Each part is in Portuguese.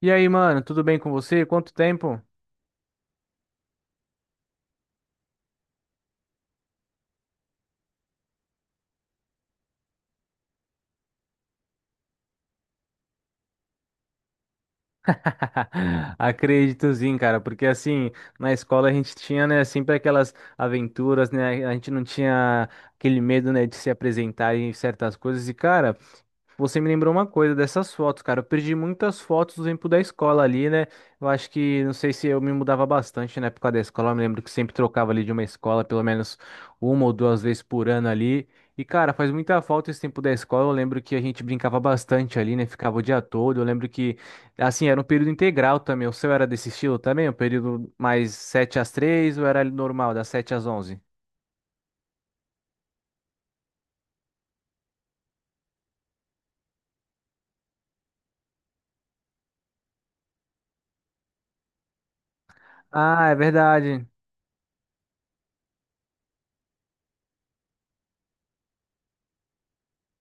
E aí, mano, tudo bem com você? Quanto tempo? Acredito sim, cara, porque assim, na escola a gente tinha, né, sempre aquelas aventuras, né? A gente não tinha aquele medo, né, de se apresentar em certas coisas. E, cara, você me lembrou uma coisa dessas fotos, cara. Eu perdi muitas fotos do tempo da escola ali, né? Eu acho que, não sei se eu me mudava bastante na época da escola. Eu me lembro que sempre trocava ali de uma escola, pelo menos uma ou duas vezes por ano ali. E, cara, faz muita falta esse tempo da escola. Eu lembro que a gente brincava bastante ali, né? Ficava o dia todo. Eu lembro que, assim, era um período integral também. O seu era desse estilo também? Um período mais 7 às 3 ou era normal, das 7 às 11? Ah, é verdade.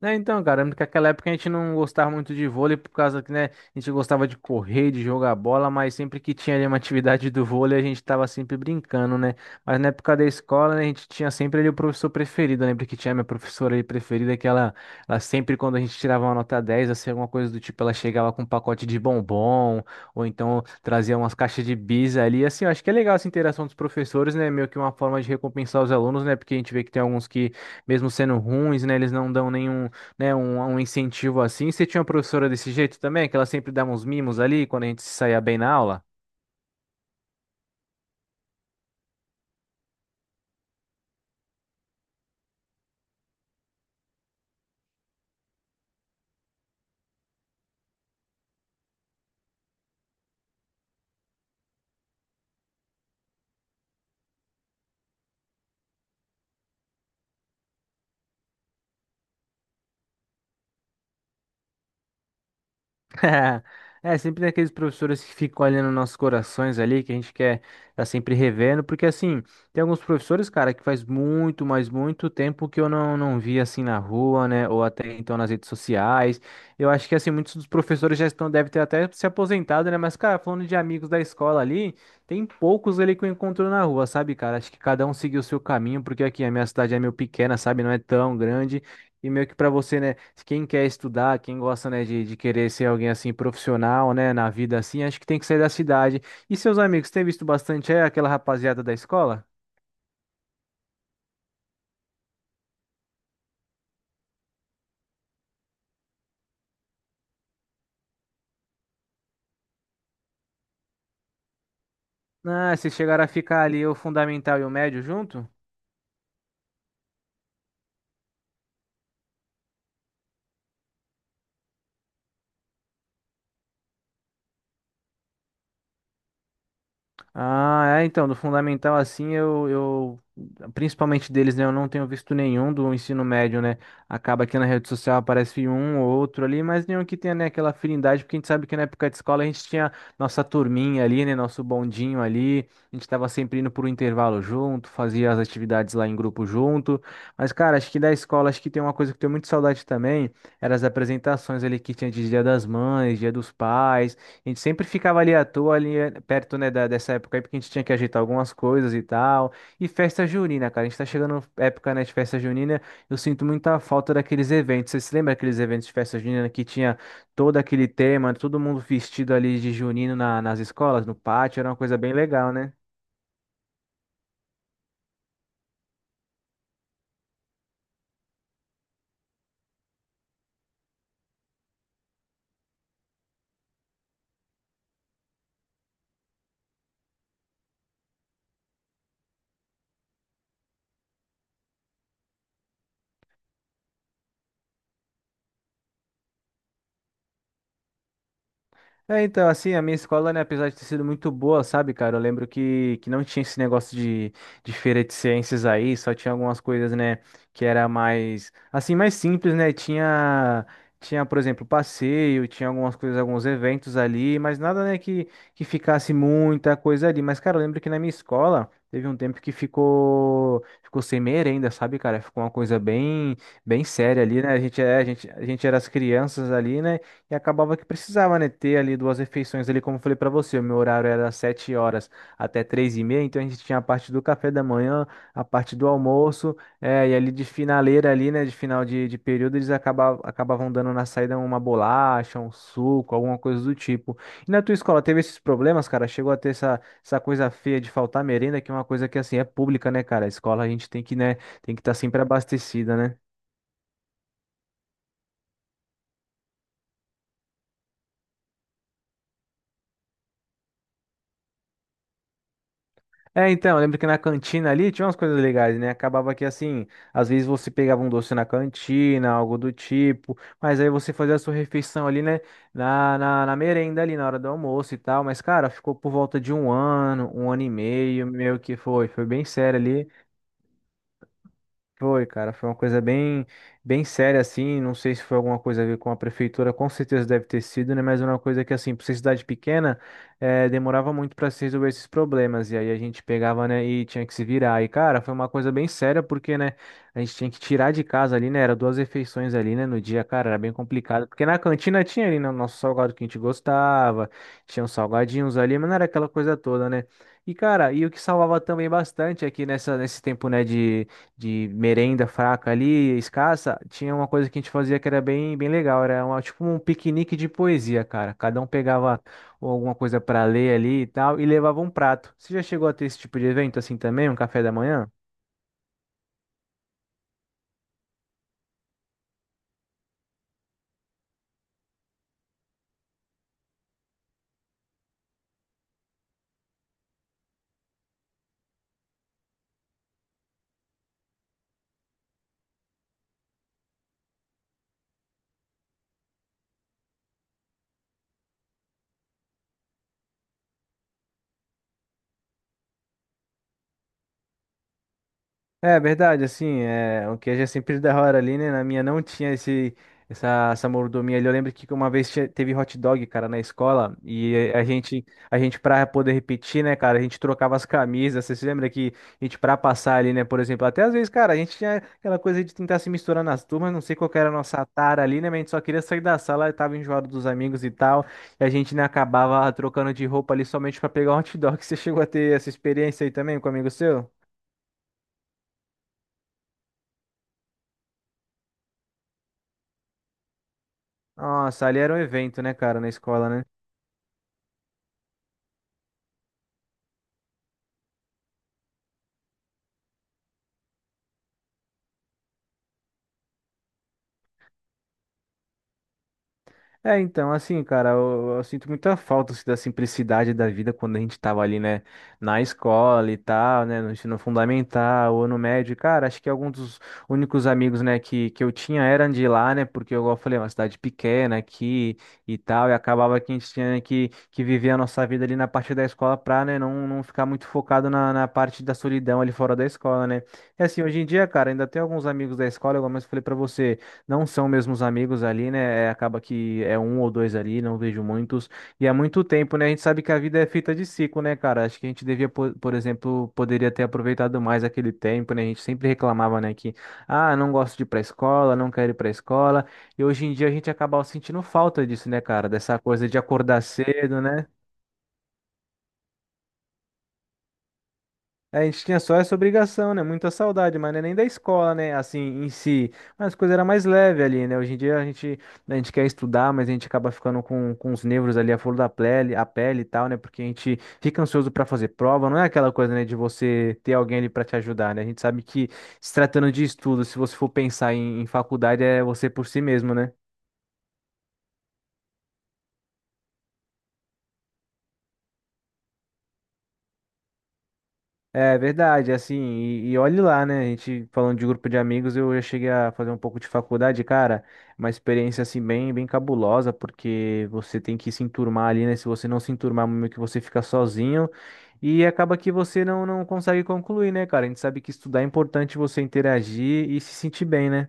Né, então, cara, lembro que naquela época a gente não gostava muito de vôlei por causa que, né, a gente gostava de correr, de jogar bola, mas sempre que tinha ali uma atividade do vôlei, a gente tava sempre brincando, né? Mas na época da escola, né, a gente tinha sempre ali o professor preferido. Eu lembro que tinha minha professora ali preferida, que ela sempre, quando a gente tirava uma nota 10, assim, alguma coisa do tipo, ela chegava com um pacote de bombom, ou então trazia umas caixas de bis ali. Assim, eu acho que é legal essa interação dos professores, né? Meio que uma forma de recompensar os alunos, né? Porque a gente vê que tem alguns que mesmo sendo ruins, né, eles não dão nenhum né, um incentivo assim. Você tinha uma professora desse jeito também, que ela sempre dava uns mimos ali quando a gente se saía bem na aula? É, sempre tem aqueles professores que ficam olhando nossos corações ali, que a gente quer tá sempre revendo, porque assim, tem alguns professores, cara, que faz muito, mas muito tempo que eu não vi assim na rua, né, ou até então nas redes sociais. Eu acho que assim, muitos dos professores já estão, devem ter até se aposentado, né, mas cara, falando de amigos da escola ali, tem poucos ali que eu encontro na rua, sabe, cara? Acho que cada um seguiu o seu caminho, porque aqui a minha cidade é meio pequena, sabe, não é tão grande. E meio que para você, né, se quem quer estudar, quem gosta, né, de querer ser alguém assim profissional, né, na vida assim, acho que tem que sair da cidade. E seus amigos, tem visto bastante é, aquela rapaziada da escola? Ah, vocês chegaram a ficar ali o fundamental e o médio junto? Ah, é, então, do fundamental assim, eu, principalmente deles, né, eu não tenho visto nenhum do ensino médio, né, acaba que na rede social aparece um ou outro ali, mas nenhum que tenha, né, aquela afinidade, porque a gente sabe que na época de escola a gente tinha nossa turminha ali, né, nosso bondinho ali, a gente tava sempre indo por um intervalo junto, fazia as atividades lá em grupo junto, mas, cara, acho que da escola, acho que tem uma coisa que eu tenho muito saudade também, eram as apresentações ali que tinha de Dia das Mães, Dia dos Pais, a gente sempre ficava ali à toa, ali perto, né, da, dessa época aí, porque a gente tinha que ajeitar algumas coisas e tal. E festa junina, cara. A gente tá chegando época, né, de festa junina. Eu sinto muita falta daqueles eventos. Você se lembra daqueles eventos de festa junina que tinha todo aquele tema, todo mundo vestido ali de junino nas escolas, no pátio? Era uma coisa bem legal, né? É, então, assim, a minha escola, né, apesar de ter sido muito boa, sabe, cara, eu lembro que não tinha esse negócio de feira de ciências aí, só tinha algumas coisas, né, que era mais, assim, mais simples, né, tinha, tinha, por exemplo, passeio, tinha algumas coisas, alguns eventos ali, mas nada, né, que ficasse muita coisa ali, mas, cara, eu lembro que na minha escola teve um tempo que ficou, ficou sem merenda, sabe, cara, ficou uma coisa bem, bem séria ali, né, a gente, é, a gente era as crianças ali, né, e acabava que precisava, né, ter ali duas refeições ali, como eu falei pra você, o meu horário era das 7 horas até 3h30, então a gente tinha a parte do café da manhã, a parte do almoço, é, e ali de finaleira ali, né, de final de período, eles acabavam, acabavam dando na saída uma bolacha, um suco, alguma coisa do tipo. E na tua escola teve esses problemas, cara? Chegou a ter essa, essa coisa feia de faltar merenda, que é uma coisa que, assim, é pública, né, cara? A escola a gente tem que, né, tem que estar sempre abastecida, né? É, então, eu lembro que na cantina ali tinha umas coisas legais, né? Acabava que assim, às vezes você pegava um doce na cantina, algo do tipo, mas aí você fazia a sua refeição ali, né? Na merenda ali, na hora do almoço e tal. Mas, cara, ficou por volta de um ano e meio, meio que foi, foi bem sério foi, cara, foi uma coisa bem, bem séria, assim, não sei se foi alguma coisa a ver com a prefeitura, com certeza deve ter sido, né, mas é uma coisa que, assim, pra ser cidade pequena, demorava muito para se resolver esses problemas, e aí a gente pegava, né, e tinha que se virar, e, cara, foi uma coisa bem séria, porque, né, a gente tinha que tirar de casa ali, né, era duas refeições ali, né, no dia, cara, era bem complicado, porque na cantina tinha ali, né, o nosso salgado que a gente gostava, tinha uns salgadinhos ali, mas não era aquela coisa toda, né, e, cara, e o que salvava também bastante aqui nessa, nesse tempo, né, de merenda fraca ali, escassa, tinha uma coisa que a gente fazia que era bem, bem legal. Era uma, tipo um piquenique de poesia, cara. Cada um pegava alguma coisa para ler ali e tal e levava um prato. Você já chegou a ter esse tipo de evento assim também, um café da manhã? É verdade, assim, é, o queijo é sempre da hora ali, né? Na minha não tinha esse, essa mordomia ali. Eu lembro que uma vez teve hot dog, cara, na escola, e a gente pra poder repetir, né, cara, a gente trocava as camisas. Você se lembra que a gente pra passar ali, né, por exemplo, até às vezes, cara, a gente tinha aquela coisa de tentar se misturar nas turmas, não sei qual que era a nossa tara ali, né, mas a gente só queria sair da sala, tava enjoado dos amigos e tal, e a gente, né, acabava trocando de roupa ali somente pra pegar um hot dog. Você chegou a ter essa experiência aí também com um amigo seu? Nossa, ali era um evento, né, cara, na escola, né? É, então, assim, cara, eu sinto muita falta assim, da simplicidade da vida quando a gente tava ali, né, na escola e tal, né, no ensino fundamental ou no médio. Cara, acho que alguns dos únicos amigos, né, que eu tinha eram de lá, né, porque, igual eu falei, é uma cidade pequena aqui e tal, e acabava que a gente tinha que viver a nossa vida ali na parte da escola pra, né, não ficar muito focado na, na parte da solidão ali fora da escola, né? E assim, hoje em dia, cara, ainda tem alguns amigos da escola, igual eu falei pra você. Não são mesmo os amigos ali, né? É, acaba que é um ou dois ali, não vejo muitos. E há muito tempo, né? A gente sabe que a vida é feita de ciclo, né, cara? Acho que a gente devia, por, exemplo, poderia ter aproveitado mais aquele tempo, né? A gente sempre reclamava, né, que, ah, não gosto de ir pra escola, não quero ir pra escola. E hoje em dia a gente acaba sentindo falta disso, né, cara? Dessa coisa de acordar cedo, né? É, a gente tinha só essa obrigação, né? Muita saudade, mas não é nem da escola, né? Assim, em si. Mas a coisa era mais leve ali, né? Hoje em dia a gente quer estudar, mas a gente acaba ficando com os nervos ali, a flor da pele, a pele e tal, né? Porque a gente fica ansioso pra fazer prova. Não é aquela coisa, né, de você ter alguém ali pra te ajudar, né? A gente sabe que se tratando de estudo, se você for pensar em, em faculdade, é você por si mesmo, né? É verdade, assim, e olhe lá, né? A gente falando de grupo de amigos, eu já cheguei a fazer um pouco de faculdade, cara, uma experiência assim bem, bem cabulosa, porque você tem que se enturmar ali, né? Se você não se enturmar, meio que você fica sozinho e acaba que você não consegue concluir, né, cara? A gente sabe que estudar é importante você interagir e se sentir bem, né?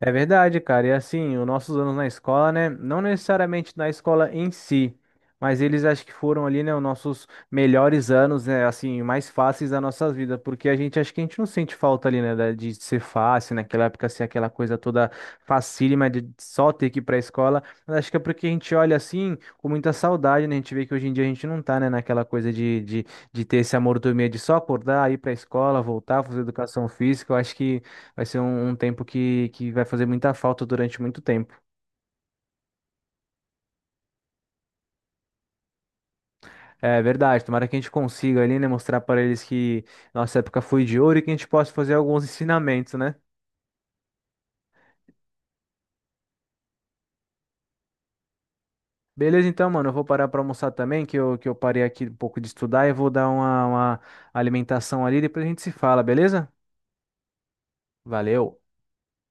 É verdade, cara. E assim, os nossos anos na escola, né? Não necessariamente na escola em si, mas eles acho que foram ali, né, os nossos melhores anos, né? Assim, mais fáceis da nossa vida, porque a gente acho que a gente não sente falta ali, né, de ser fácil, naquela época ser aquela coisa toda facílima de só ter que ir pra escola. Mas acho que é porque a gente olha assim com muita saudade, né? A gente vê que hoje em dia a gente não tá, né, naquela coisa de ter esse amor dormir, de só acordar, ir pra escola, voltar, fazer educação física. Eu acho que. Vai ser um tempo que vai fazer muita falta durante muito tempo. É verdade, tomara que a gente consiga ali, né, mostrar para eles que nossa época foi de ouro e que a gente possa fazer alguns ensinamentos, né? Beleza, então, mano, eu vou parar para almoçar também, que que eu parei aqui um pouco de estudar e vou dar uma alimentação ali, depois a gente se fala, beleza? Valeu!